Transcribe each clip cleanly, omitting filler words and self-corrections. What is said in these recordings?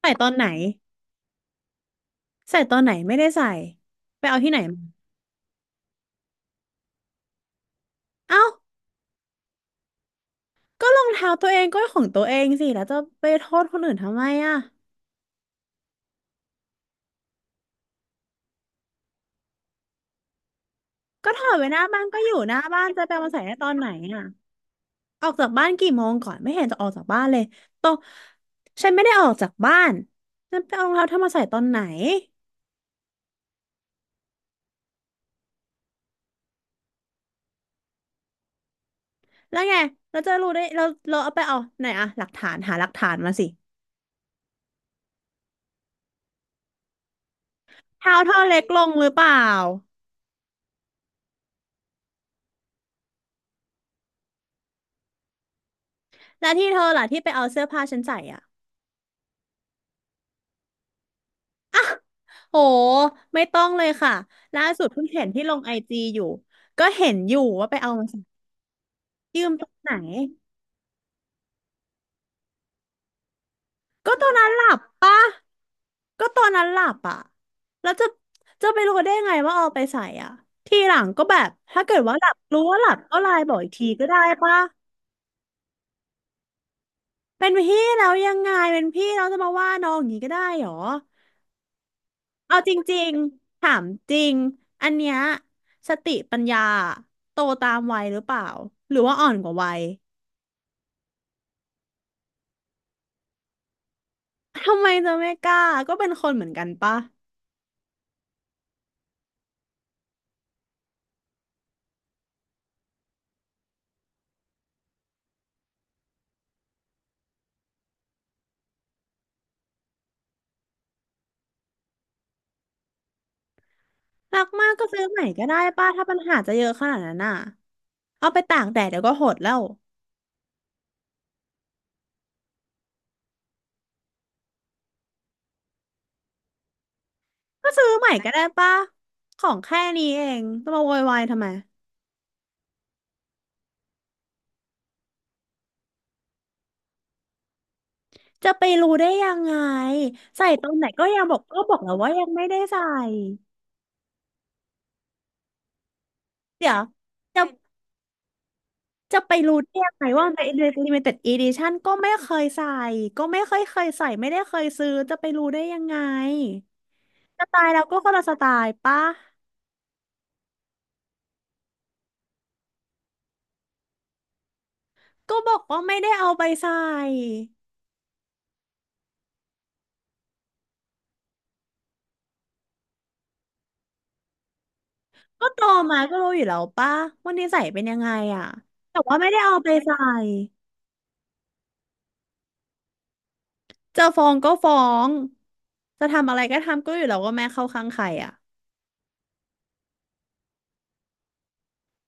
ใส่ตอนไหนใส่ตอนไหนไม่ได้ใส่ไปเอาที่ไหนมาเอ้าก็รองเท้าตัวเองก็ของตัวเองสิแล้วจะไปโทษคนอื่นทำไมอ่ะก็ถอดไว้หน้าบ้านก็อยู่หน้าบ้านจะไปเอามาใส่ได้ตอนไหนอ่ะออกจากบ้านกี่โมงก่อนไม่เห็นจะออกจากบ้านเลยตองฉันไม่ได้ออกจากบ้านฉันไปเอารองเท้าเธอมาใส่ตอนไหนแล้วไงเราจะรู้ได้เราเอาไปเอาไหนอะหลักฐานหาหลักฐานมาสิเท้าเธอเล็กลงหรือเปล่าแล้วที่เธอล่ะที่ไปเอาเสื้อผ้าฉันใส่อะ โหไม่ต้องเลยค่ะล่าสุดเพิ่งเห็นที่ลงไอจีอยู่ก็เห็นอยู่ว่าไปเอามาจากยืมตอนไหนก็ตอนนั้นหลับก็ตอนนั้นหลับอ่ะแล้วจะจะไปรู้ได้ไงว่าเอาไปใส่อ่ะทีหลังก็แบบถ้าเกิดว่าหลับรู้ว่าหลับก็ไลน์บอกอีกทีก็ได้ปะเป็นพี่แล้วยังไงเป็นพี่เราจะมาว่าน้องอย่างนี้ก็ได้เหรอเอาจริงๆถามจริงอันเนี้ยสติปัญญาโตตามวัยหรือเปล่าหรือว่าอ่อนกว่าวัย ทำไมจะไม่กล้าก็เป็นคนเหมือนกันปะรักมากก็ซื้อใหม่ก็ได้ปะถ้าปัญหาจะเยอะขนาดนั้นน่ะเอาไปตากแดดเดี๋ยวก็หดแล้วก็ซื้อใหม่ก็ได้ปะของแค่นี้เองจะมาโวยวายทำไมจะไปรู้ได้ยังไงใส่ตรงไหนก็ยังบอกก็บอกแล้วว่ายังไม่ได้ใส่เดี๋ยวจะจะไปรู้ได้ยังไงว่ามันเป็น limited edition ก็ไม่เคยใส่ก็ไม่เคยใส่ไม่ได้เคยซื้อจะไปรู้ได้ยังไงสไตล์เราก็คนละสไตล์ปะ ก็บอกว่าไม่ได้เอาไปใส่ก็โตอมาก็รู้อยู่แล้วป่ะว่านิสัยเป็นยังไงอ่ะแต่ว่าไม่ได้เอาไปใส่จะฟ้องก็ฟ้อง จะทำอะไรก็ทำก็อยู่แล้วว่าแม่เข้าข้างใครอ่ะ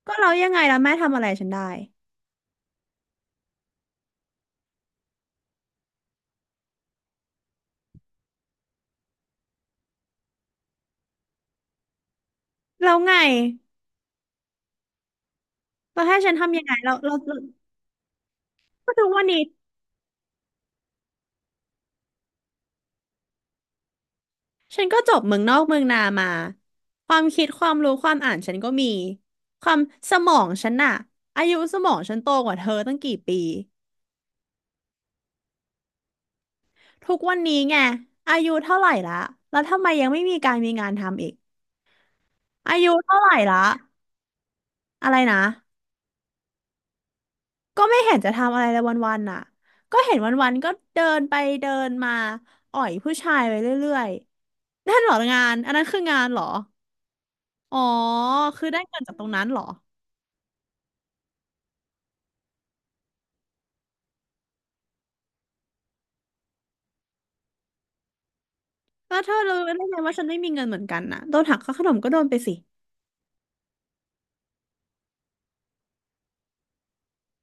ก็เรายังไงแล้วแม่ทำอะไรฉันได้แล้วไงแล้วให้ฉันทำยังไงเราก็ทุกวันนี้ฉันก็จบเมืองนอกเมืองนามา ความคิดความรู้ความอ่านฉันก็มี ความสมองฉันน่ะอายุสมองฉันโตกว่าเธอตั้งกี่ปี ทุกวันนี้ไงอายุเท่าไหร่ละแล้วทำไมยังไม่มีการมีงานทำอีกอายุเท่าไหร่ละอะไรนะก็ไม่เห็นจะทำอะไรเลยวันๆน่ะก็เห็นวันๆก็เดินไปเดินมาอ่อยผู้ชายไปเรื่อยๆนั่นเหรองานอันนั้นคืองานเหรออ๋อคือได้เงินจากตรงนั้นเหรอแล้วเธอรู้ได้ไงว่าฉันไม่มีเงินเหมือนกันน่ะโดนหักค่าขนมก็โดนไปสิ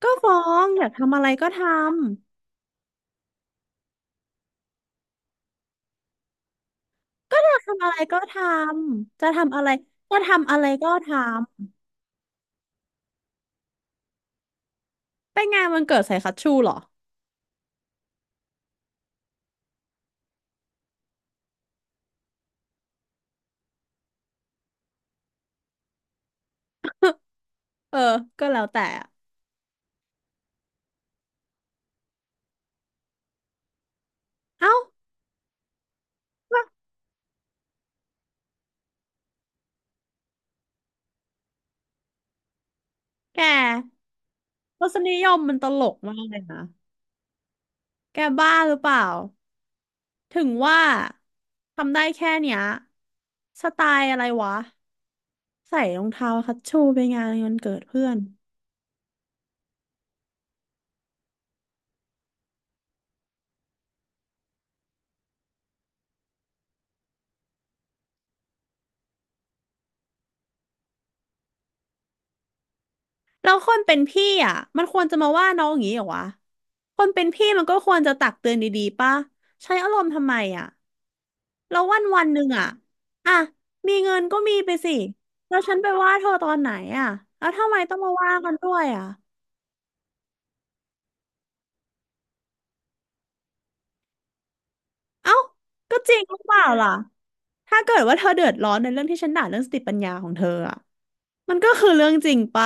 ก็ฟ้องอยากทำอะไรก็ทำอยากทำอะไรก็ทำจะทำอะไรจะทำอะไรก็ทำ ไปงานวันเกิดใส่คัชชูเหรอ เออ ก็แล้วแต่อะเอ้าว่าแกรสนิยมมันตลกมากเลยนะ แกบ้าหรือเปล่า ถึงว่าทำได้แค่เนี้ย สไตล์อะไรวะ ใส่รองเท้าคัชชูไปงานวันเกิดเพื่อนแล้วคนเป็นพี่อ่ะ มันควรจะมาว่าน้องอย่างนี้เหรอวะคนเป็นพี่มันก็ควรจะตักเตือนดีๆป่ะใช้อารมณ์ทำไมอ่ะ แล้ววันวันหนึ่งอ่ะอ่ะมีเงินก็มีไปสิแล้วฉันไปว่าเธอตอนไหนอ่ะแล้วทำไมต้องมาว่ากันด้วยอ่ะเอ้า ก็จริงหรือเปล่าล่ะ ถ้าเกิดว่าเธอเดือดร้อนในเรื่องที่ฉันด่าเรื่องสติปัญญาของเธออ่ะมันก็คือเรื่องจริงปะ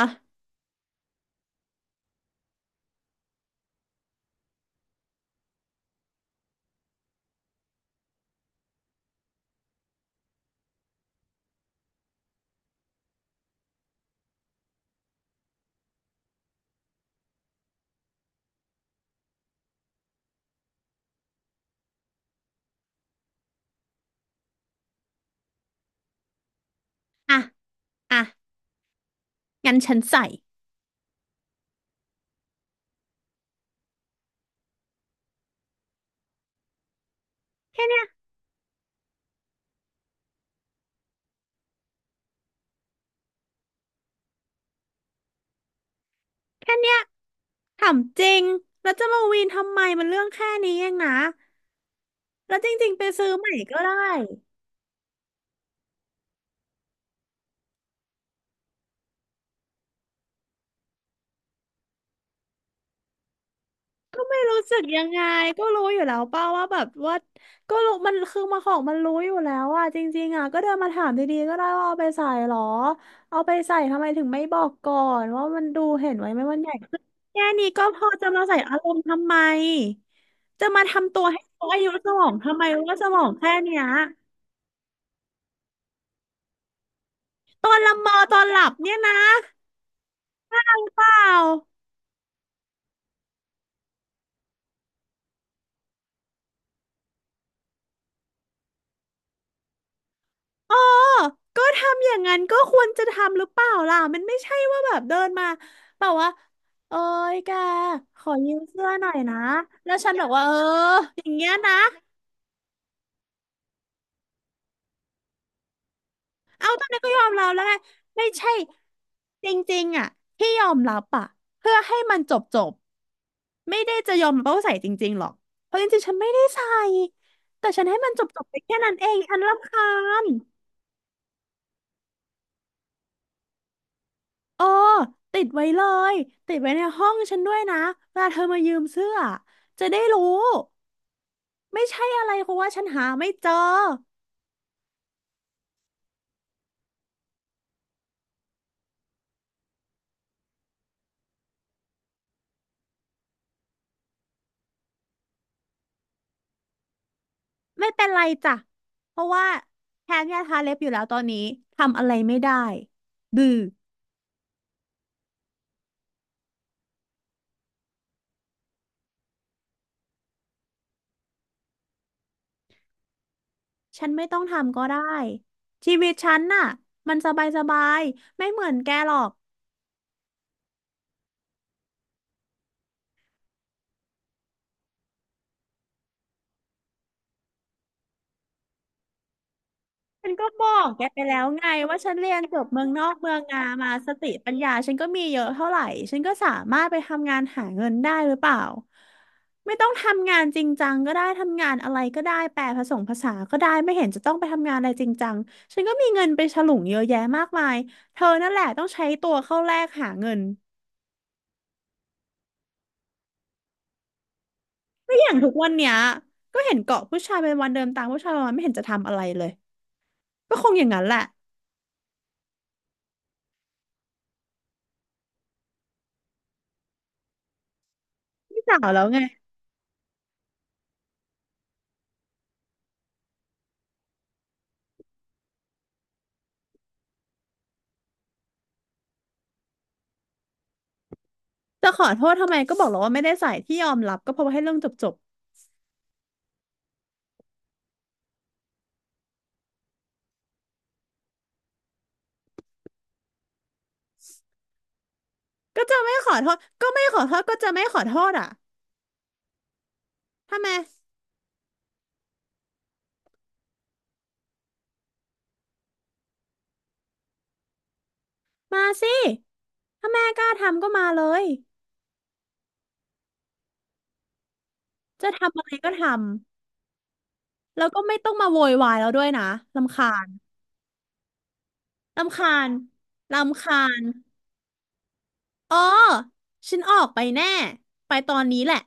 อ่ะอ่ะงั้นฉันใส่แค่เนี้ยแค่เนี้ยถามจริงแล้วจะมาวีนทำไมมันเรื่องแค่นี้เองนะแล้วจริงๆไปซื้อใหม่ก็ได้ ก็ไม่รู้สึกยังไงก็รู้อยู่แล้วเป้าว่าแบบว่าก็รู้มันคือมาของมันรู้อยู่แล้วอ่ะจริงๆอ่ะก็เดินมาถามดีๆก็ได้ว่าเอาไปใส่หรอเอาไปใส่ทำไมถึงไม่บอกก่อนว่ามันดูเห็นไว้ไหมมันใหญ่ขึ้นแค่นี้ก็พอจะมาใส่อารมณ์ทำไมจะมาทำตัวให้เขาอายุสมองทำไมว่าสมองแค่เนี้ยตอนละเมอตอนหลับเนี่ยนะเปล่า อ๋อก็ทำอย่างนั้นก็ควรจะทำหรือเปล่าล่ะมันไม่ใช่ว่าแบบเดินมาแบบว่าเอ้ยแกขอยืมเสื้อหน่อยนะแล้วฉันบอกว่าเอออย่างเงี้ยนะเอาตอนนี้นก็ยอมรับแล้วไงไม่ใช่จริงๆอ่ะที่ยอมรับอ่ะเพื่อให้มันจบจบไม่ได้จะยอมรับว่าใส่จริงๆหรอกเพราะจริงๆฉันไม่ได้ใส่แต่ฉันให้มันจบจบไปแค่นั้นเองฉันรำคาญ เออติดไว้เลยติดไว้ในห้องฉันด้วยนะเวลาเธอมายืมเสื้อจะได้รู้ไม่ใช่อะไรเพราะว่าฉันหาไม่เจอไม่เป็นไรจ้ะเพราะว่าแทนยาทาเล็บอยู่แล้วตอนนี้ทำอะไรไม่ได้ดื้อฉันไม่ต้องทำก็ได้ชีวิตฉันน่ะมันสบายสบายไม่เหมือนแกหรอก ฉันก็บอกแกไปแล้วไงว่าฉันเรียนจบเมืองนอกเมืองนามาสติปัญญาฉันก็มีเยอะเท่าไหร่ฉันก็สามารถไปทำงานหาเงินได้หรือเปล่าไม่ต้องทำงานจริงจังก็ได้ทำงานอะไรก็ได้แปลผสมภาษาก็ได้ไม่เห็นจะต้องไปทำงานอะไรจริงจังฉันก็มีเงินไปฉลุงเยอะแยะมากมายเธอนั่นแหละต้องใช้ตัวเข้าแลกหาเงินก็อย่างทุกวันเนี้ยก็เห็นเกาะผู้ชายเป็นวันเดินตามผู้ชายวันไม่เห็นจะทำอะไรเลยก็คงอย่างนั้นแหละพี่สาวแล้วไง จะขอโทษทำไมก็บอกแล้วว่าไม่ได้ใส่ที่ยอมรับก็เพราะว่าให้เรื่องจบจบก็จะไม่ขอโทษก็จะไม่ขอโทษอ่ะทำไมมาสิถ้าแม่กล้าทำก็มาเลยจะทำอะไรก็ทำแล้วก็ไม่ต้องมาโวยวายแล้วด้วยนะรำคาญรำคาญรำคาญอ๋อฉันออกไปแน่ไปตอนนี้แหละ